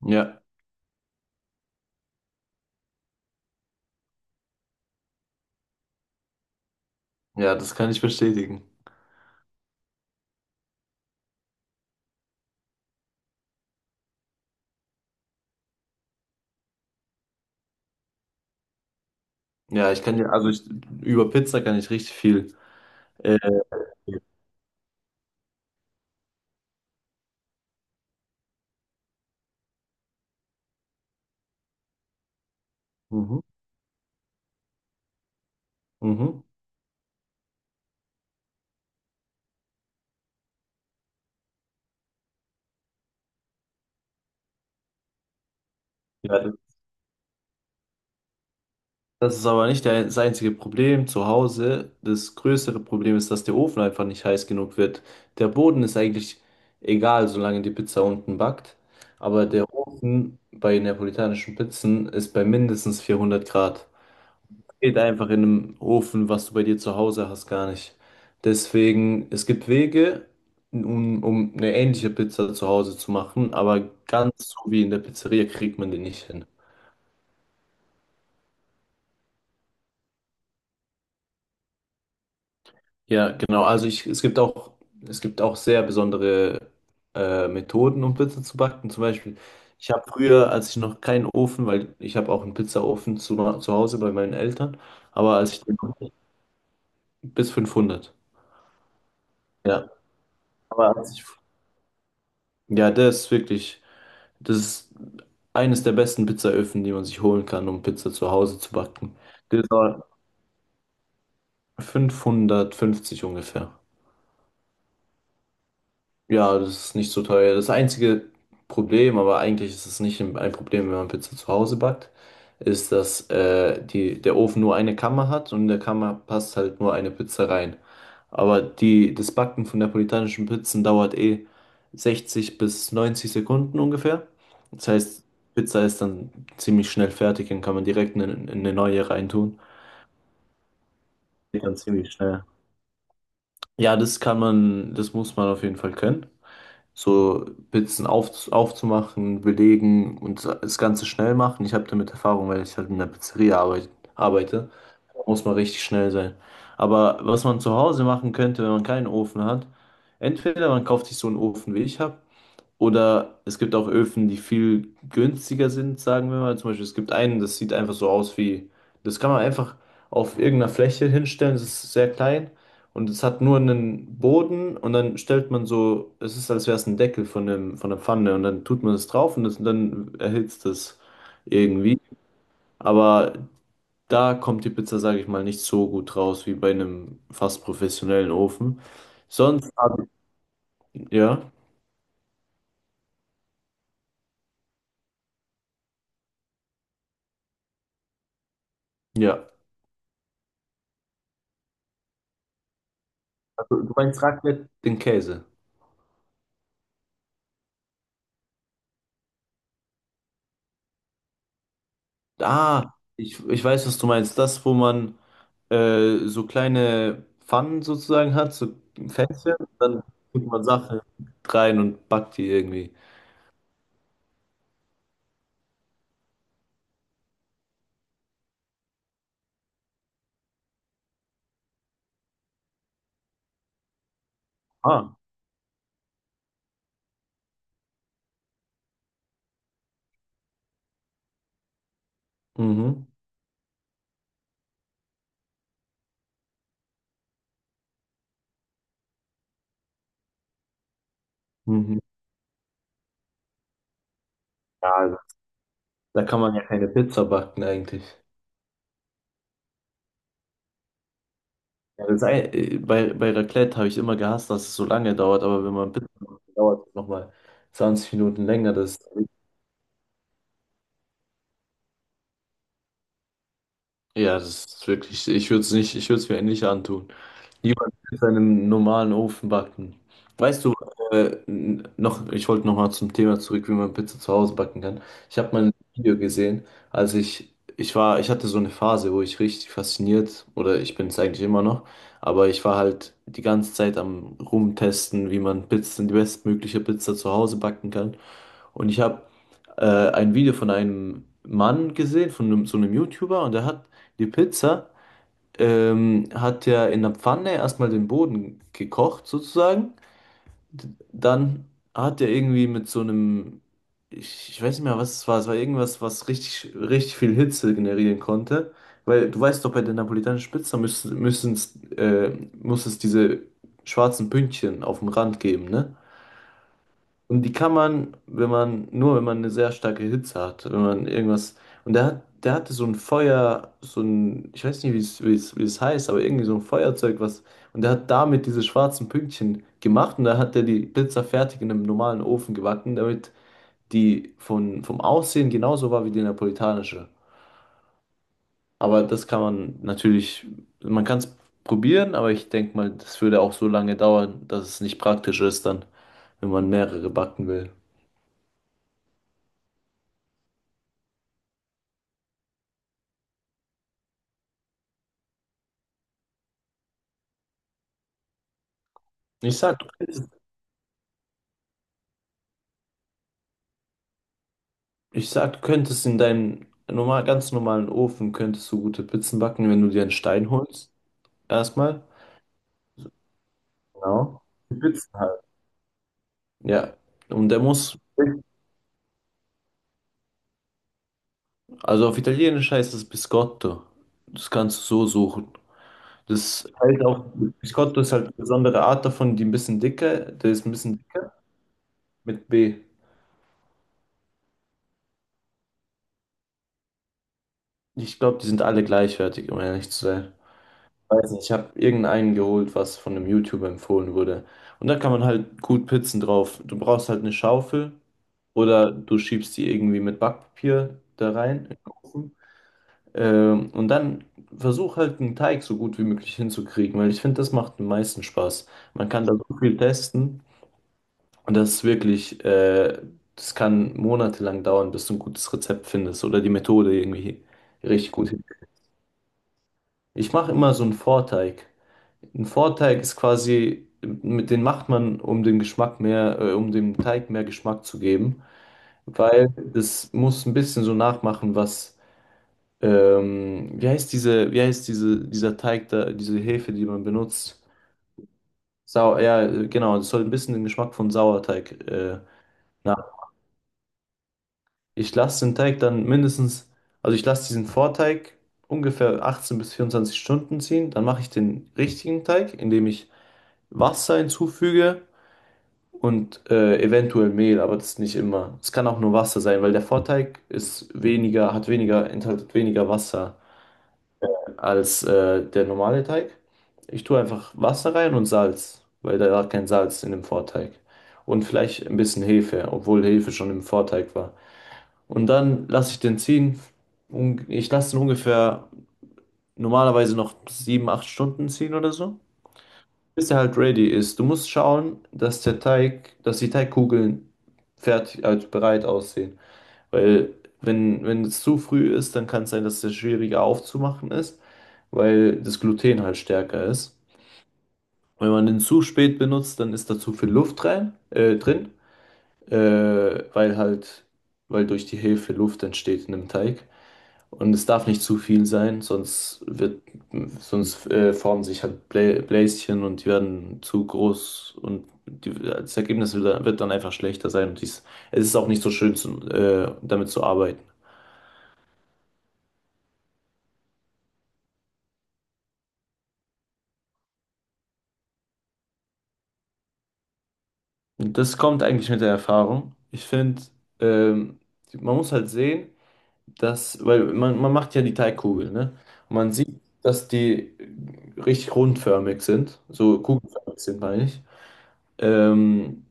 Ja, ja, das kann ich bestätigen. Ja, ich kann dir, also ich, über Pizza kann ich richtig viel. Äh, mhm, mhm. Ja, das ist aber nicht das einzige Problem zu Hause. Das größere Problem ist, dass der Ofen einfach nicht heiß genug wird. Der Boden ist eigentlich egal, solange die Pizza unten backt. Aber der Ofen bei neapolitanischen Pizzen ist bei mindestens 400 Grad. Geht einfach in einem Ofen, was du bei dir zu Hause hast, gar nicht. Deswegen, es gibt Wege, um eine ähnliche Pizza zu Hause zu machen, aber ganz so wie in der Pizzeria kriegt man die nicht hin. Ja, genau. Also ich, es gibt auch sehr besondere Methoden, um Pizza zu backen. Zum Beispiel, ich habe früher, als ich noch keinen Ofen, weil ich habe auch einen Pizzaofen zu Hause bei meinen Eltern, aber als ich den bis 500. Ja, aber als ich, ja, der ist wirklich. Das ist eines der besten Pizzaöfen, die man sich holen kann, um Pizza zu Hause zu backen. Das war 550 ungefähr. Ja, das ist nicht so teuer. Das einzige Problem, aber eigentlich ist es nicht ein Problem, wenn man Pizza zu Hause backt, ist, dass die, der Ofen nur eine Kammer hat und in der Kammer passt halt nur eine Pizza rein. Aber die, das Backen von neapolitanischen Pizzen dauert eh 60 bis 90 Sekunden ungefähr. Das heißt, Pizza ist dann ziemlich schnell fertig und kann man direkt in eine neue reintun. Geht dann ziemlich schnell. Ja, das kann man, das muss man auf jeden Fall können. So Pizzen aufzumachen, belegen und das Ganze schnell machen. Ich habe damit Erfahrung, weil ich halt in der Pizzeria arbeite. Da muss man richtig schnell sein. Aber was man zu Hause machen könnte, wenn man keinen Ofen hat, entweder man kauft sich so einen Ofen, wie ich habe, oder es gibt auch Öfen, die viel günstiger sind, sagen wir mal. Zum Beispiel, es gibt einen, das sieht einfach so aus wie, das kann man einfach auf irgendeiner Fläche hinstellen, es ist sehr klein und es hat nur einen Boden und dann stellt man so, es ist, als wäre es ein Deckel von einem, von der Pfanne und dann tut man es drauf und dann erhitzt es irgendwie. Aber da kommt die Pizza, sage ich mal, nicht so gut raus wie bei einem fast professionellen Ofen. Sonst, ja, ja. Also, du meinst Raclette, den Käse. Ah, ich weiß, was du meinst. Das, wo man so kleine Pfannen sozusagen hat, so Fässchen, dann tut man Sachen rein und backt die irgendwie. Ah. Mhm. Mhm. Ja, also, da kann man ja keine Pizza backen eigentlich. Ja, bei Raclette habe ich immer gehasst, dass es so lange dauert, aber wenn man Pizza macht, dauert es nochmal 20 Minuten länger. Das, ja, das ist wirklich, ich würde es nicht, ich würde es mir nicht antun. Jemand mit seinem normalen Ofen backen. Weißt du, noch, ich wollte nochmal zum Thema zurück, wie man Pizza zu Hause backen kann. Ich habe mal ein Video gesehen, als ich war, ich hatte so eine Phase, wo ich richtig fasziniert, oder ich bin es eigentlich immer noch, aber ich war halt die ganze Zeit am Rumtesten, wie man Pizzen, die bestmögliche Pizza zu Hause backen kann. Und ich habe ein Video von einem Mann gesehen, von einem, so einem YouTuber, und der hat die Pizza hat er in der Pfanne erstmal den Boden gekocht, sozusagen. Dann hat er irgendwie mit so einem, ich weiß nicht mehr, was es war irgendwas, was richtig, richtig viel Hitze generieren konnte. Weil du weißt doch, bei der napolitanischen Pizza müssen, müssen äh, muss es diese schwarzen Pünktchen auf dem Rand geben, ne? Und die kann man, wenn man, nur wenn man eine sehr starke Hitze hat, wenn man irgendwas. Und der hat, der hatte so ein Feuer, so ein, ich weiß nicht, wie es heißt, aber irgendwie so ein Feuerzeug, was. Und der hat damit diese schwarzen Pünktchen gemacht und da hat er die Pizza fertig in einem normalen Ofen gebacken, damit die von, vom Aussehen genauso war wie die napolitanische. Aber das kann man natürlich, man kann es probieren, aber ich denke mal, das würde auch so lange dauern, dass es nicht praktisch ist dann, wenn man mehrere backen will. Ich sag, Ich sag, du könntest in deinem normal, ganz normalen Ofen könntest du gute Pizzen backen, wenn du dir einen Stein holst. Erstmal. Genau. Die Pizzen halt. Ja. Und der muss, also auf Italienisch heißt es Biscotto. Das kannst du so suchen. Das halt auch, Biscotto ist halt eine besondere Art davon, die ein bisschen dicker, der ist ein bisschen dicker mit B. Ich glaube, die sind alle gleichwertig, um ehrlich zu sein. Weiß nicht, ich habe irgendeinen geholt, was von einem YouTuber empfohlen wurde. Und da kann man halt gut Pizzen drauf. Du brauchst halt eine Schaufel oder du schiebst die irgendwie mit Backpapier da rein in den Ofen. Und dann versuch halt einen Teig so gut wie möglich hinzukriegen, weil ich finde, das macht am meisten Spaß. Man kann da so viel testen und das ist wirklich, das kann monatelang dauern, bis du ein gutes Rezept findest oder die Methode irgendwie richtig gut hin. Ich mache immer so einen Vorteig. Ein Vorteig ist quasi, mit den macht man, um den Geschmack mehr, um dem Teig mehr Geschmack zu geben, weil das muss ein bisschen so nachmachen, was, wie heißt diese, dieser Teig da, diese Hefe, die man benutzt? Ja, genau, das soll ein bisschen den Geschmack von Sauerteig, nach. Ich lasse den Teig dann mindestens, also ich lasse diesen Vorteig ungefähr 18 bis 24 Stunden ziehen, dann mache ich den richtigen Teig, indem ich Wasser hinzufüge und eventuell Mehl, aber das ist nicht immer. Es kann auch nur Wasser sein, weil der Vorteig ist weniger, hat weniger, enthaltet weniger Wasser als der normale Teig. Ich tue einfach Wasser rein und Salz, weil da war kein Salz in dem Vorteig. Und vielleicht ein bisschen Hefe, obwohl Hefe schon im Vorteig war. Und dann lasse ich den ziehen. Ich lasse ihn ungefähr normalerweise noch 7, 8 Stunden ziehen oder so bis er halt ready ist. Du musst schauen, dass der Teig, dass die Teigkugeln fertig, also bereit aussehen. Weil wenn es zu früh ist, dann kann es sein, dass der schwieriger aufzumachen ist, weil das Gluten halt stärker ist. Wenn man den zu spät benutzt, dann ist da zu viel Luft rein, drin, weil halt, weil durch die Hefe Luft entsteht in dem Teig. Und es darf nicht zu viel sein, sonst wird, sonst formen sich halt Bläschen und die werden zu groß und die, das Ergebnis wird dann einfach schlechter sein. Und dies, es ist auch nicht so schön, damit zu arbeiten. Und das kommt eigentlich mit der Erfahrung. Ich finde, ähm, man muss halt sehen, das, weil man macht ja die Teigkugel, ne? Und man sieht, dass die richtig rundförmig sind, so kugelförmig sind, meine ich. Ähm,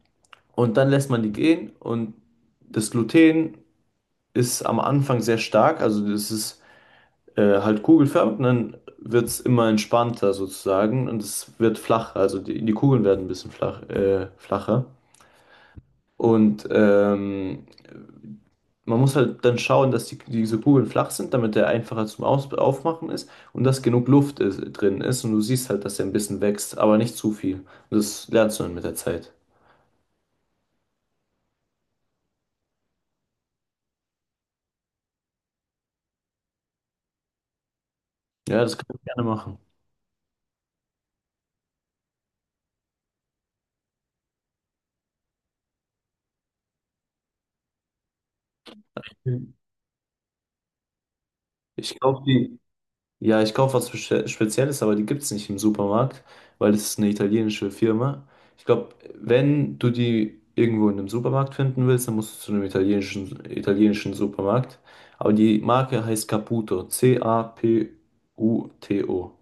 und dann lässt man die gehen und das Gluten ist am Anfang sehr stark, also das ist halt kugelförmig und dann wird es immer entspannter sozusagen und es wird flacher, also die Kugeln werden ein bisschen flacher. Und man muss halt dann schauen, dass die, diese Kugeln flach sind, damit der einfacher zum Aus Aufmachen ist und dass genug Luft ist, drin ist. Und du siehst halt, dass er ein bisschen wächst, aber nicht zu viel. Und das lernst du dann mit der Zeit. Ja, das kann ich gerne machen. Mhm. Ich kaufe die. Ja, ich kaufe was Spezielles, aber die gibt es nicht im Supermarkt, weil das ist eine italienische Firma. Ich glaube, wenn du die irgendwo in einem Supermarkt finden willst, dann musst du zu einem italienischen Supermarkt. Aber die Marke heißt Caputo. Caputo.